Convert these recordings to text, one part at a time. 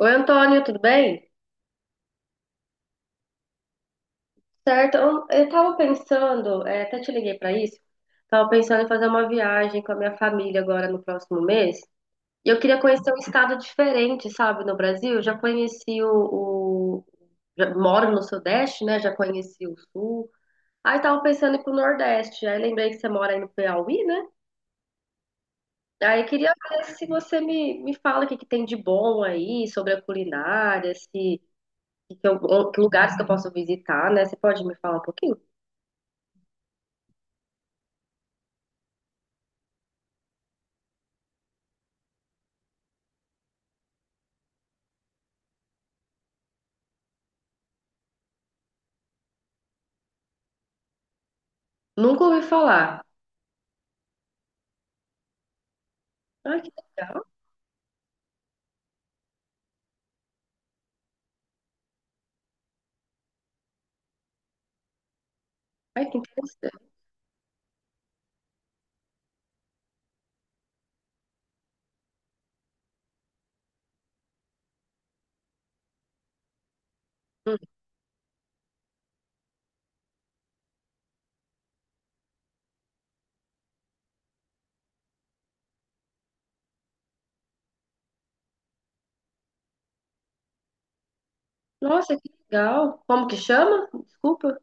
Oi, Antônio, tudo bem? Certo, eu tava pensando, é, até te liguei para isso, tava pensando em fazer uma viagem com a minha família agora no próximo mês, e eu queria conhecer um estado diferente, sabe, no Brasil. Eu já conheci o, o- já moro no Sudeste, né, já conheci o Sul, aí tava pensando em ir pro Nordeste, aí lembrei que você mora aí no Piauí, né, aí queria ver se você me fala o que que tem de bom aí, sobre a culinária, se... que lugares que eu posso visitar, né? Você pode me falar um pouquinho? Nunca ouvi falar. Ai, que legal. Ai, que interessante. Hum. Nossa, que legal. Como que chama? Desculpa.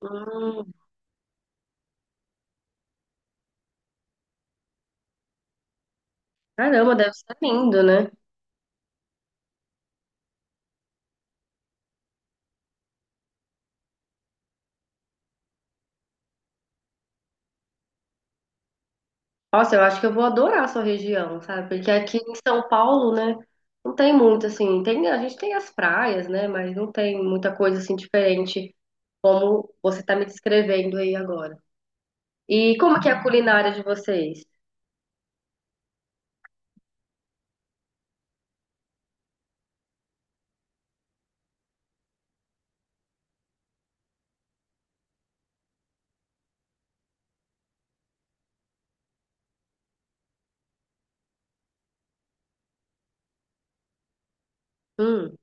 Hum, caramba, deve ser lindo, né? Nossa, eu acho que eu vou adorar a sua região, sabe? Porque aqui em São Paulo, né? Não tem muito, assim. Tem, a gente tem as praias, né? Mas não tem muita coisa, assim, diferente como você tá me descrevendo aí agora. E como que é a culinária de vocês? Hum.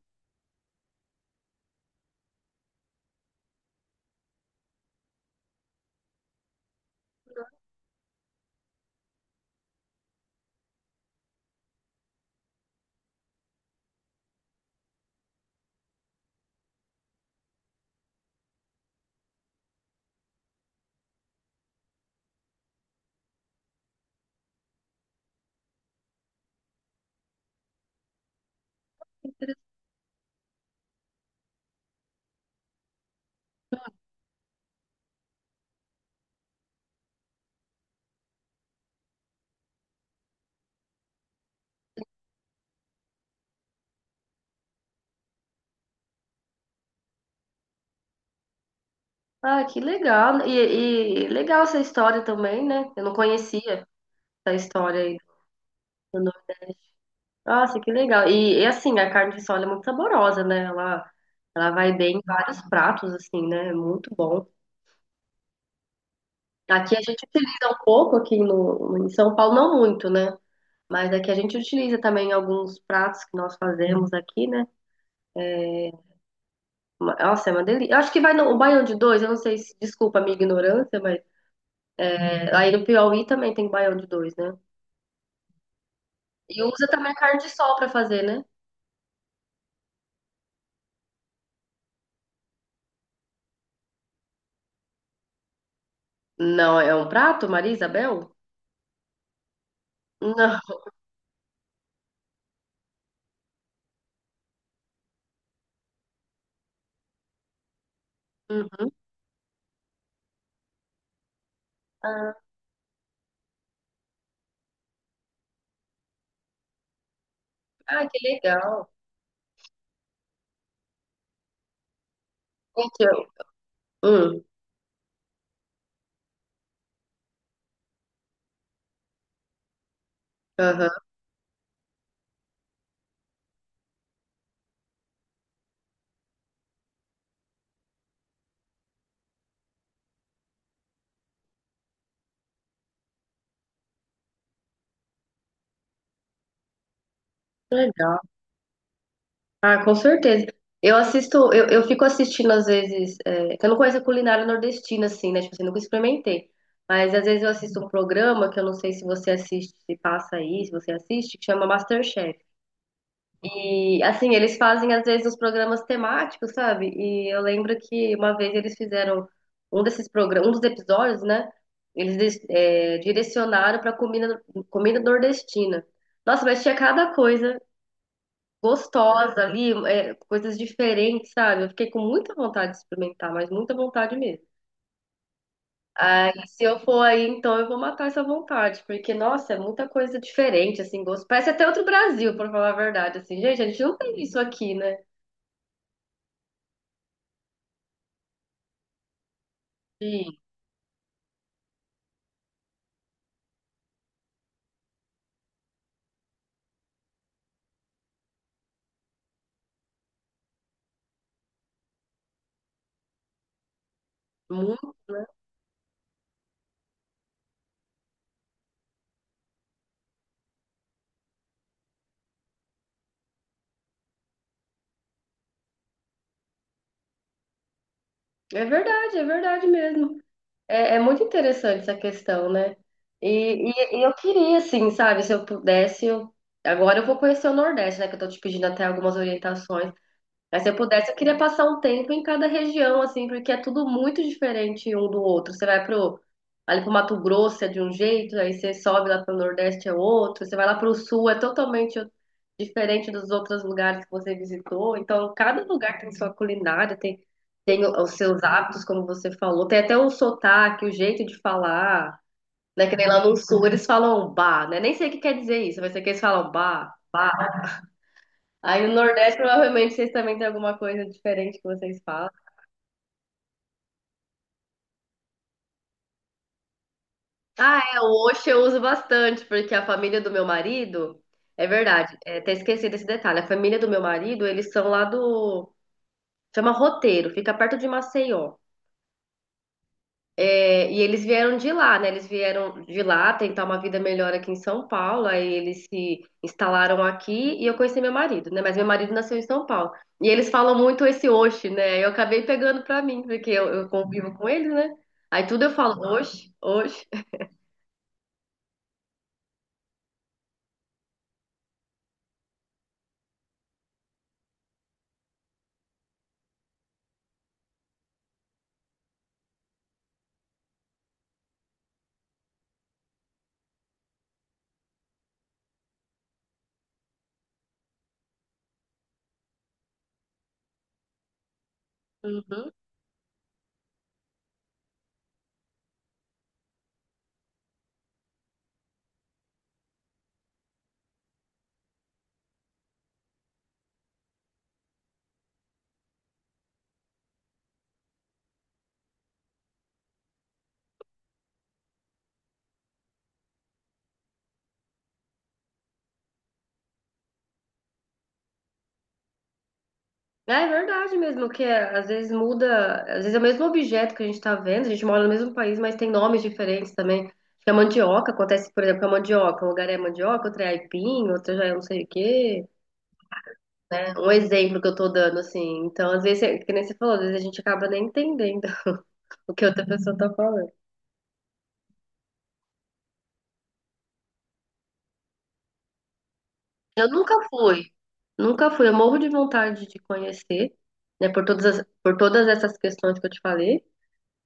Ah, que legal. E legal essa história também, né? Eu não conhecia. Da história aí do Nordeste. Nossa, que legal. E, assim, a carne de sol é muito saborosa, né? Ela vai bem em vários pratos, assim, né? É muito bom. Aqui a gente utiliza um pouco, aqui no, em São Paulo não muito, né? Mas aqui a gente utiliza também alguns pratos que nós fazemos aqui, né? Nossa, é uma delícia. Eu acho que vai no o baião de dois, eu não sei se, desculpa a minha ignorância, mas é, aí no Piauí também tem baião de dois, né? E usa também carne de sol pra fazer, né? Não, é um prato, Maria Isabel? Não. Uhum. Ah. Ah, que legal. Então, hum, aham, que legal. Ah, com certeza. Eu assisto, eu fico assistindo às vezes, é, que eu não conheço a culinária nordestina, assim, né? Tipo assim, nunca experimentei. Mas às vezes eu assisto um programa que eu não sei se você assiste, se passa aí, se você assiste, que chama MasterChef. E assim, eles fazem às vezes os programas temáticos, sabe? E eu lembro que uma vez eles fizeram um desses programas, um dos episódios, né? Direcionaram para comida, comida nordestina. Nossa, mas tinha cada coisa gostosa ali, é, coisas diferentes, sabe? Eu fiquei com muita vontade de experimentar, mas muita vontade mesmo. Aí, se eu for aí, então eu vou matar essa vontade, porque, nossa, é muita coisa diferente, assim, gosto. Parece até outro Brasil, pra falar a verdade, assim, gente, a gente não tem isso aqui, né? Sim, mu- é verdade mesmo. É, é muito interessante essa questão, né? E, e eu queria, assim, sabe, se eu pudesse, eu... Agora eu vou conhecer o Nordeste, né? Que eu tô te pedindo até algumas orientações. Mas se eu pudesse, eu queria passar um tempo em cada região, assim, porque é tudo muito diferente um do outro. Você vai pro, ali pro Mato Grosso é de um jeito, aí você sobe lá pro Nordeste é outro, você vai lá pro Sul é totalmente diferente dos outros lugares que você visitou. Então, cada lugar tem sua culinária, tem, os seus hábitos, como você falou, tem até o sotaque, o jeito de falar, né? Que nem lá no Sul eles falam bah, né? Nem sei o que quer dizer isso, mas sei que eles falam bah. Aí no Nordeste, provavelmente, vocês também têm alguma coisa diferente que vocês falam. Ah, é, o Oxe eu uso bastante, porque a família do meu marido, é verdade, é, até esqueci desse detalhe, a família do meu marido, eles são lá do, chama Roteiro, fica perto de Maceió. É, e eles vieram de lá, né? Eles vieram de lá tentar uma vida melhor aqui em São Paulo. Aí eles se instalaram aqui e eu conheci meu marido, né? Mas meu marido nasceu em São Paulo. E eles falam muito esse oxe, né? Eu acabei pegando pra mim, porque eu convivo com eles, né? Aí tudo eu falo oxe, oxe. Uhum. É, é verdade mesmo, que é, às vezes muda, às vezes é o mesmo objeto que a gente tá vendo, a gente mora no mesmo país, mas tem nomes diferentes também. Acho que A mandioca acontece, por exemplo, com a mandioca. Um lugar é mandioca, outro é aipim, outro já é não sei o quê, né? Um exemplo que eu tô dando, assim. Então, às vezes, é- que nem você falou, às vezes a gente acaba nem entendendo o que outra pessoa tá falando. Eu nunca fui, nunca fui. Eu morro de vontade de conhecer, né? Por todas por todas essas questões que eu te falei,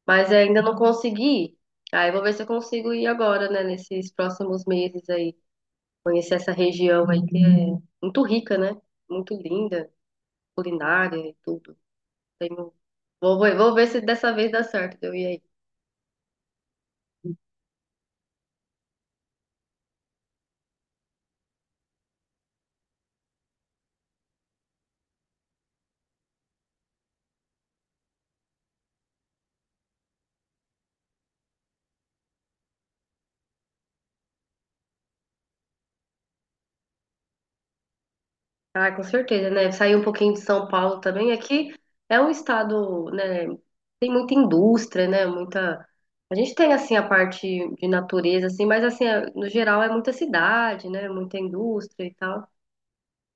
mas ainda não consegui ir. Aí eu vou ver se eu consigo ir agora, né? Nesses próximos meses aí, conhecer essa região aí que é muito rica, né? Muito linda, culinária e tudo. Tenho... Vou ver se dessa vez dá certo de eu ir aí. Ah, com certeza, né? Sair um pouquinho de São Paulo também. Aqui é um estado, né? Tem muita indústria, né? Muita. A gente tem assim a parte de natureza, assim, mas assim, é- no geral é muita cidade, né? Muita indústria e tal.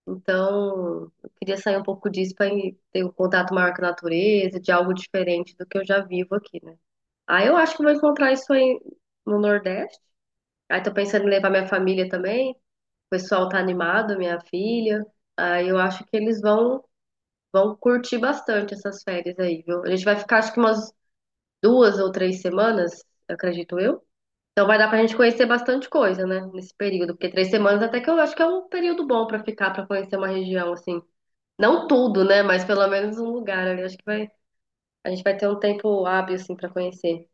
Então, eu queria sair um pouco disso para ter um contato maior com a natureza, de algo diferente do que eu já vivo aqui, né? Aí eu acho que eu vou encontrar isso aí no Nordeste. Aí tô pensando em levar minha família também. O pessoal tá animado, minha filha. Aí eu acho que eles vão curtir bastante essas férias aí, viu? A gente vai ficar acho que umas 2 ou 3 semanas, acredito eu. Então vai dar pra gente conhecer bastante coisa, né? Nesse período, porque 3 semanas até que eu acho que é um período bom pra ficar, pra conhecer uma região assim. Não tudo, né? Mas pelo menos um lugar ali. Acho que vai, a gente vai ter um tempo hábil assim pra conhecer.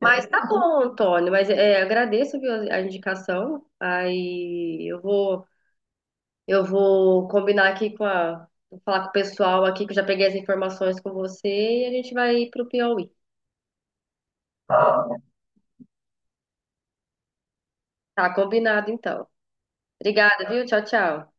Mas tá bom, Antônio. Mas é, agradeço, viu, a indicação. Aí eu vou Eu vou combinar aqui com a. Vou falar com o pessoal aqui que eu já peguei as informações com você e a gente vai pro Piauí. Tá combinado então. Obrigada, viu? Tchau, tchau.